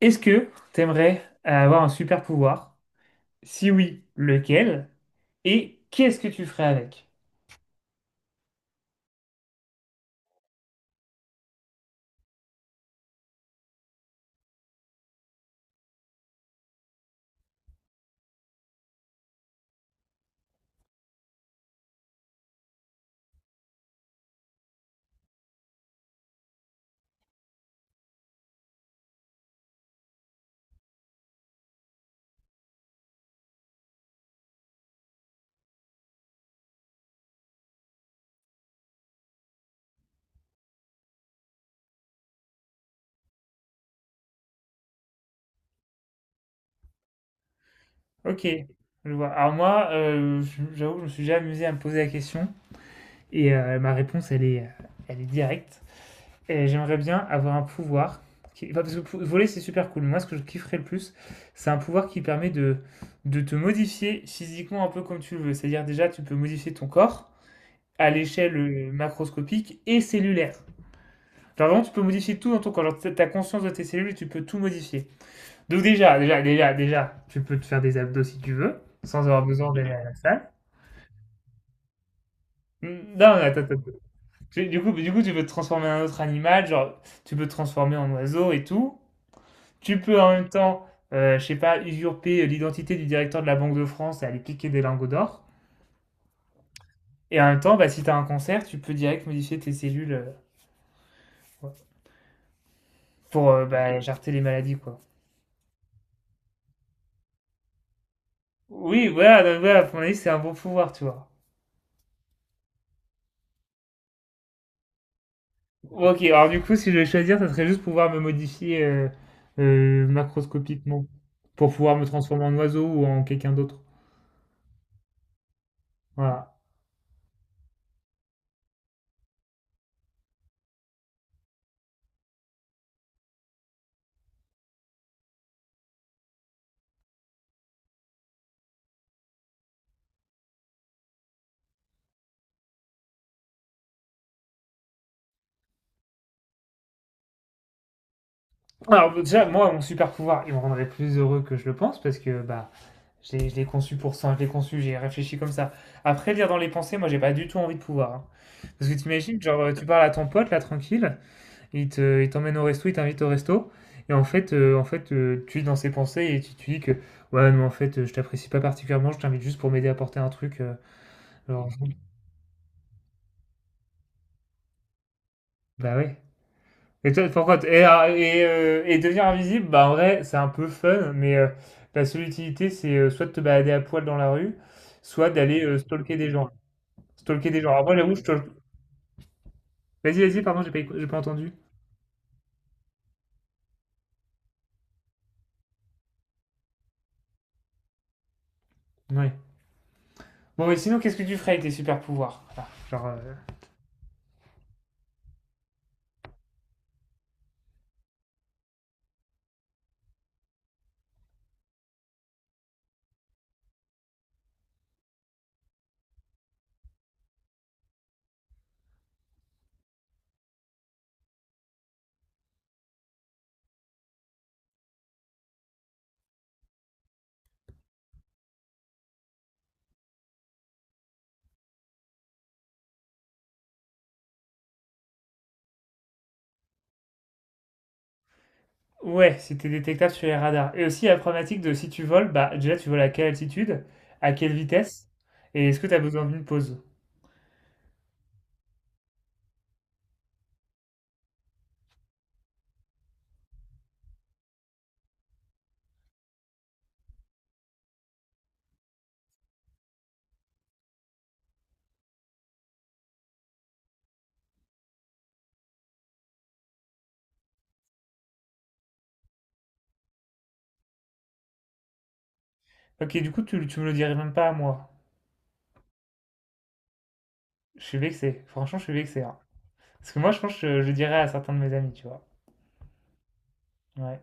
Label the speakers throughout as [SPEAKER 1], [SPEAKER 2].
[SPEAKER 1] Est-ce que t'aimerais avoir un super pouvoir? Si oui, lequel? Et qu'est-ce que tu ferais avec? Ok, je vois. Alors moi, j'avoue que je me suis déjà amusé à me poser la question et ma réponse, elle est directe. Et j'aimerais bien avoir un pouvoir qui... enfin, parce que voler, c'est super cool. Moi, ce que je kifferais le plus, c'est un pouvoir qui permet de te modifier physiquement un peu comme tu le veux. C'est-à-dire déjà, tu peux modifier ton corps à l'échelle macroscopique et cellulaire. Genre vraiment, tu peux modifier tout dans ton corps. Genre, t'as conscience de tes cellules et tu peux tout modifier. Donc déjà, tu peux te faire des abdos si tu veux, sans avoir besoin d'aller à la salle. Hmm. Non, attends. Du coup, tu peux te transformer en un autre animal, genre, tu peux te transformer en oiseau et tout. Tu peux en même temps, je sais pas, usurper l'identité du directeur de la Banque de France et aller piquer des lingots d'or. Et en même temps, bah, si t'as un cancer, tu peux direct modifier tes cellules ouais, pour bah, jarter les maladies, quoi. Oui, voilà, donc voilà, pour mon avis, c'est un bon pouvoir, tu vois. Ok, alors du coup, si je vais choisir, ça serait juste pouvoir me modifier macroscopiquement pour pouvoir me transformer en oiseau ou en quelqu'un d'autre. Voilà. Alors déjà, moi, mon super pouvoir, il me rendrait plus heureux que je le pense parce que bah, je l'ai conçu pour ça, je l'ai conçu, j'ai réfléchi comme ça. Après, lire dans les pensées, moi, j'ai pas du tout envie de pouvoir, hein. Parce que t'imagines, genre, tu parles à ton pote là, tranquille. Il te, il t'emmène au resto, il t'invite au resto. Et en fait, tu es dans ses pensées et tu te dis que, ouais, mais en fait, je t'apprécie pas particulièrement, je t'invite juste pour m'aider à porter un truc. Alors, bah ouais. Et toi, pourquoi t- et, ah, et devenir invisible, bah en vrai, c'est un peu fun, mais la seule utilité, c'est soit de te balader à poil dans la rue, soit d'aller stalker des gens. Stalker des gens. Alors moi, j'avoue, Vas-y, pardon, j'ai pas entendu. Ouais. Bon, et sinon, qu'est-ce que tu ferais avec tes super pouvoirs? Voilà, genre, Ouais, c'était détectable sur les radars. Et aussi la problématique de si tu voles, bah déjà tu voles à quelle altitude, à quelle vitesse, et est-ce que tu as besoin d'une pause? Ok, du coup tu me le dirais même pas à moi. Je suis vexé, franchement je suis vexé, hein. Parce que moi je pense que je dirais à certains de mes amis, tu vois. Ouais.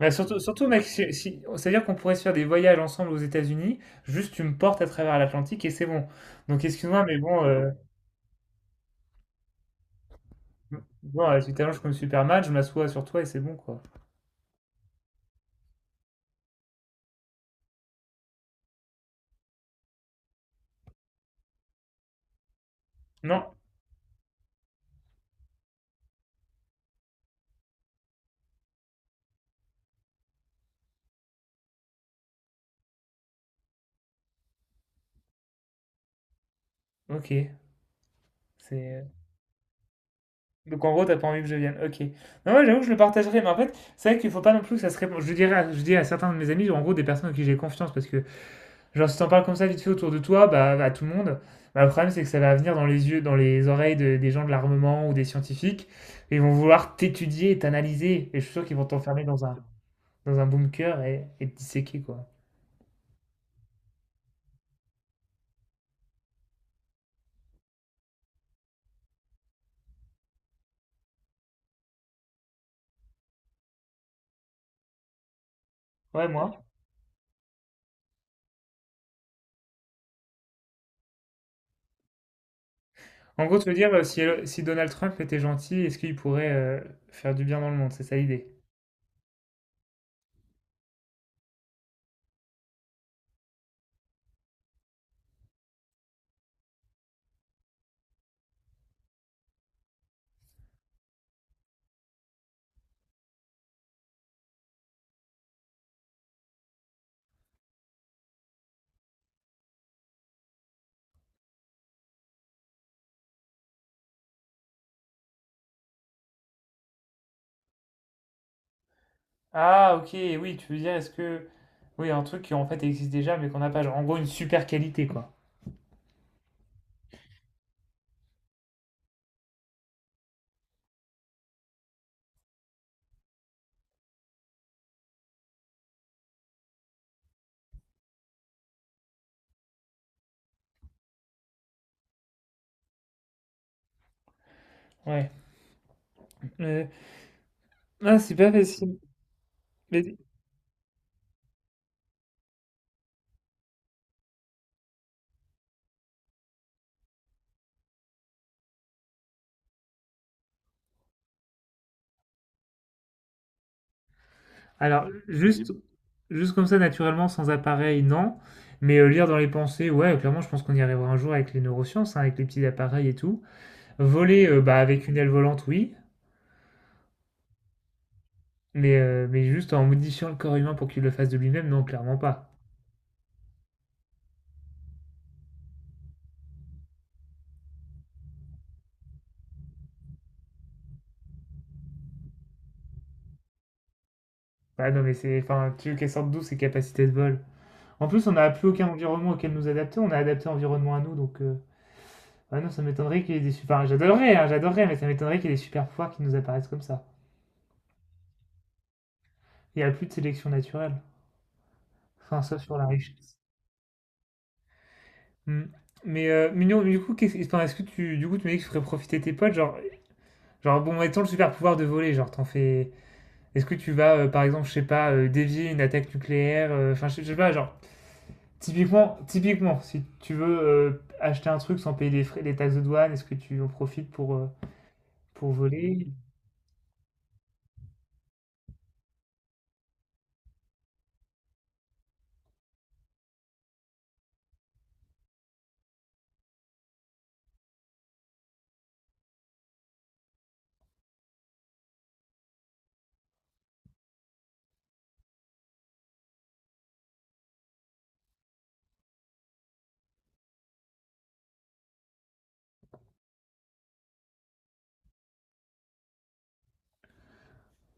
[SPEAKER 1] Bah surtout mec, c'est-à-dire qu'on pourrait se faire des voyages ensemble aux États-Unis, juste tu me portes à travers l'Atlantique et c'est bon. Donc excuse-moi, mais tu t'allonges comme Superman, je m'assois sur toi et c'est bon quoi. Non, ok, c'est... euh, Donc en gros, t'as pas envie que je vienne. Ok. Non, ouais, j'avoue que je le partagerai, mais en fait, c'est vrai qu'il faut pas non plus que ça se répande. Je dirais, je dis à certains de mes amis, en gros, des personnes en qui j'ai confiance, parce que genre si t'en parles comme ça vite fait autour de toi, bah à tout le monde, bah, le problème c'est que ça va venir dans les yeux, dans les oreilles des gens de l'armement ou des scientifiques, et ils vont vouloir t'étudier et t'analyser, et je suis sûr qu'ils vont t'enfermer dans un bunker et te disséquer quoi. Ouais, moi. En gros, tu veux dire, si Donald Trump était gentil, est-ce qu'il pourrait faire du bien dans le monde? C'est ça l'idée. Ah, ok, oui, tu veux dire, est-ce que. Oui, un truc qui en fait existe déjà, mais qu'on n'a pas. Genre, en gros, une super qualité, quoi. Ouais. Euh, Ah, c'est pas facile. Vas-y. Alors, juste, juste comme ça, naturellement, sans appareil, non. Mais lire dans les pensées, ouais, clairement, je pense qu'on y arrivera un jour avec les neurosciences, hein, avec les petits appareils et tout. Voler, bah, avec une aile volante, oui. Mais juste en modifiant le corps humain pour qu'il le fasse de lui-même, non, clairement pas. Ah non, mais c'est. Enfin, tu veux qu'elle sorte d'où ses capacités de vol? En plus, on n'a plus aucun environnement auquel nous adapter, on a adapté l'environnement à nous, donc ouais, non, ça m'étonnerait qu'il y ait des super... Enfin, j'adorerais, hein, j'adorerais, mais ça m'étonnerait qu'il y ait des super pouvoirs qui nous apparaissent comme ça. Il n'y a plus de sélection naturelle. Enfin, sauf sur la richesse. Hmm. Mais, Mignon, du coup, enfin, est-ce que tu, du coup, tu m'as dit que tu ferais profiter tes potes, genre, genre, bon, mettons le super pouvoir de voler, genre, t'en fais... Est-ce que tu vas, par exemple, je sais pas, dévier une attaque nucléaire, enfin, je sais pas, genre, typiquement, si tu veux acheter un truc sans payer les frais, les taxes de douane, est-ce que tu en profites pour... Pour voler?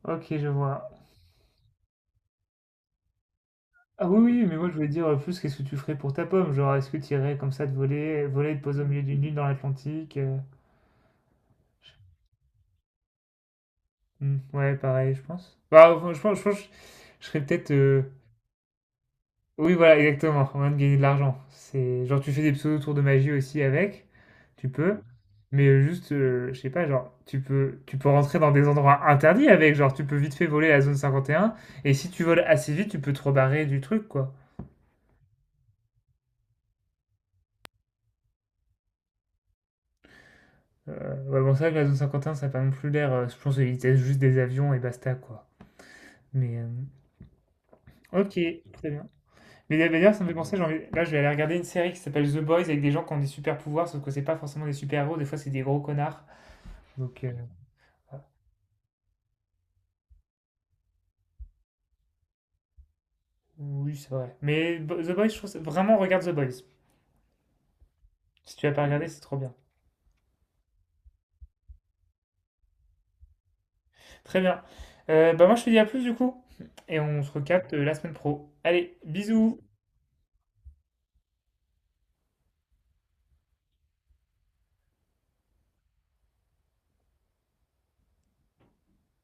[SPEAKER 1] Ok, je vois. Ah oui, oui, mais moi je voulais dire plus qu'est-ce que tu ferais pour ta pomme? Genre, est-ce que tu irais comme ça de voler, voler, te poser au milieu d'une île dans l'Atlantique? Hmm, ouais, pareil, je pense. Bah, enfin, je pense que je serais peut-être. Oui, voilà, exactement, en train de gagner de l'argent. C'est genre, tu fais des pseudo tours de magie aussi avec, tu peux. Mais je sais pas, genre, tu peux rentrer dans des endroits interdits avec, genre, tu peux vite fait voler à la zone 51. Et un, et si tu voles assez vite, tu peux te rebarrer du truc, quoi. Ouais, bon, c'est vrai que la zone 51, ça n'a pas non plus l'air. Je pense qu'ils testent juste des avions et basta, quoi. Mais. euh, ok, très bien. Mais d'ailleurs, ça me fait penser, là, je vais aller regarder une série qui s'appelle The Boys avec des gens qui ont des super pouvoirs, sauf que c'est pas forcément des super-héros, des fois, c'est des gros connards. Donc, voilà. Oui, c'est vrai. Mais The Boys, Vraiment, regarde The Boys. Si tu l'as pas regardé, c'est trop bien. Très bien. Bah, moi, je te dis à plus, du coup. Et on se recapte la semaine pro. Allez, bisous!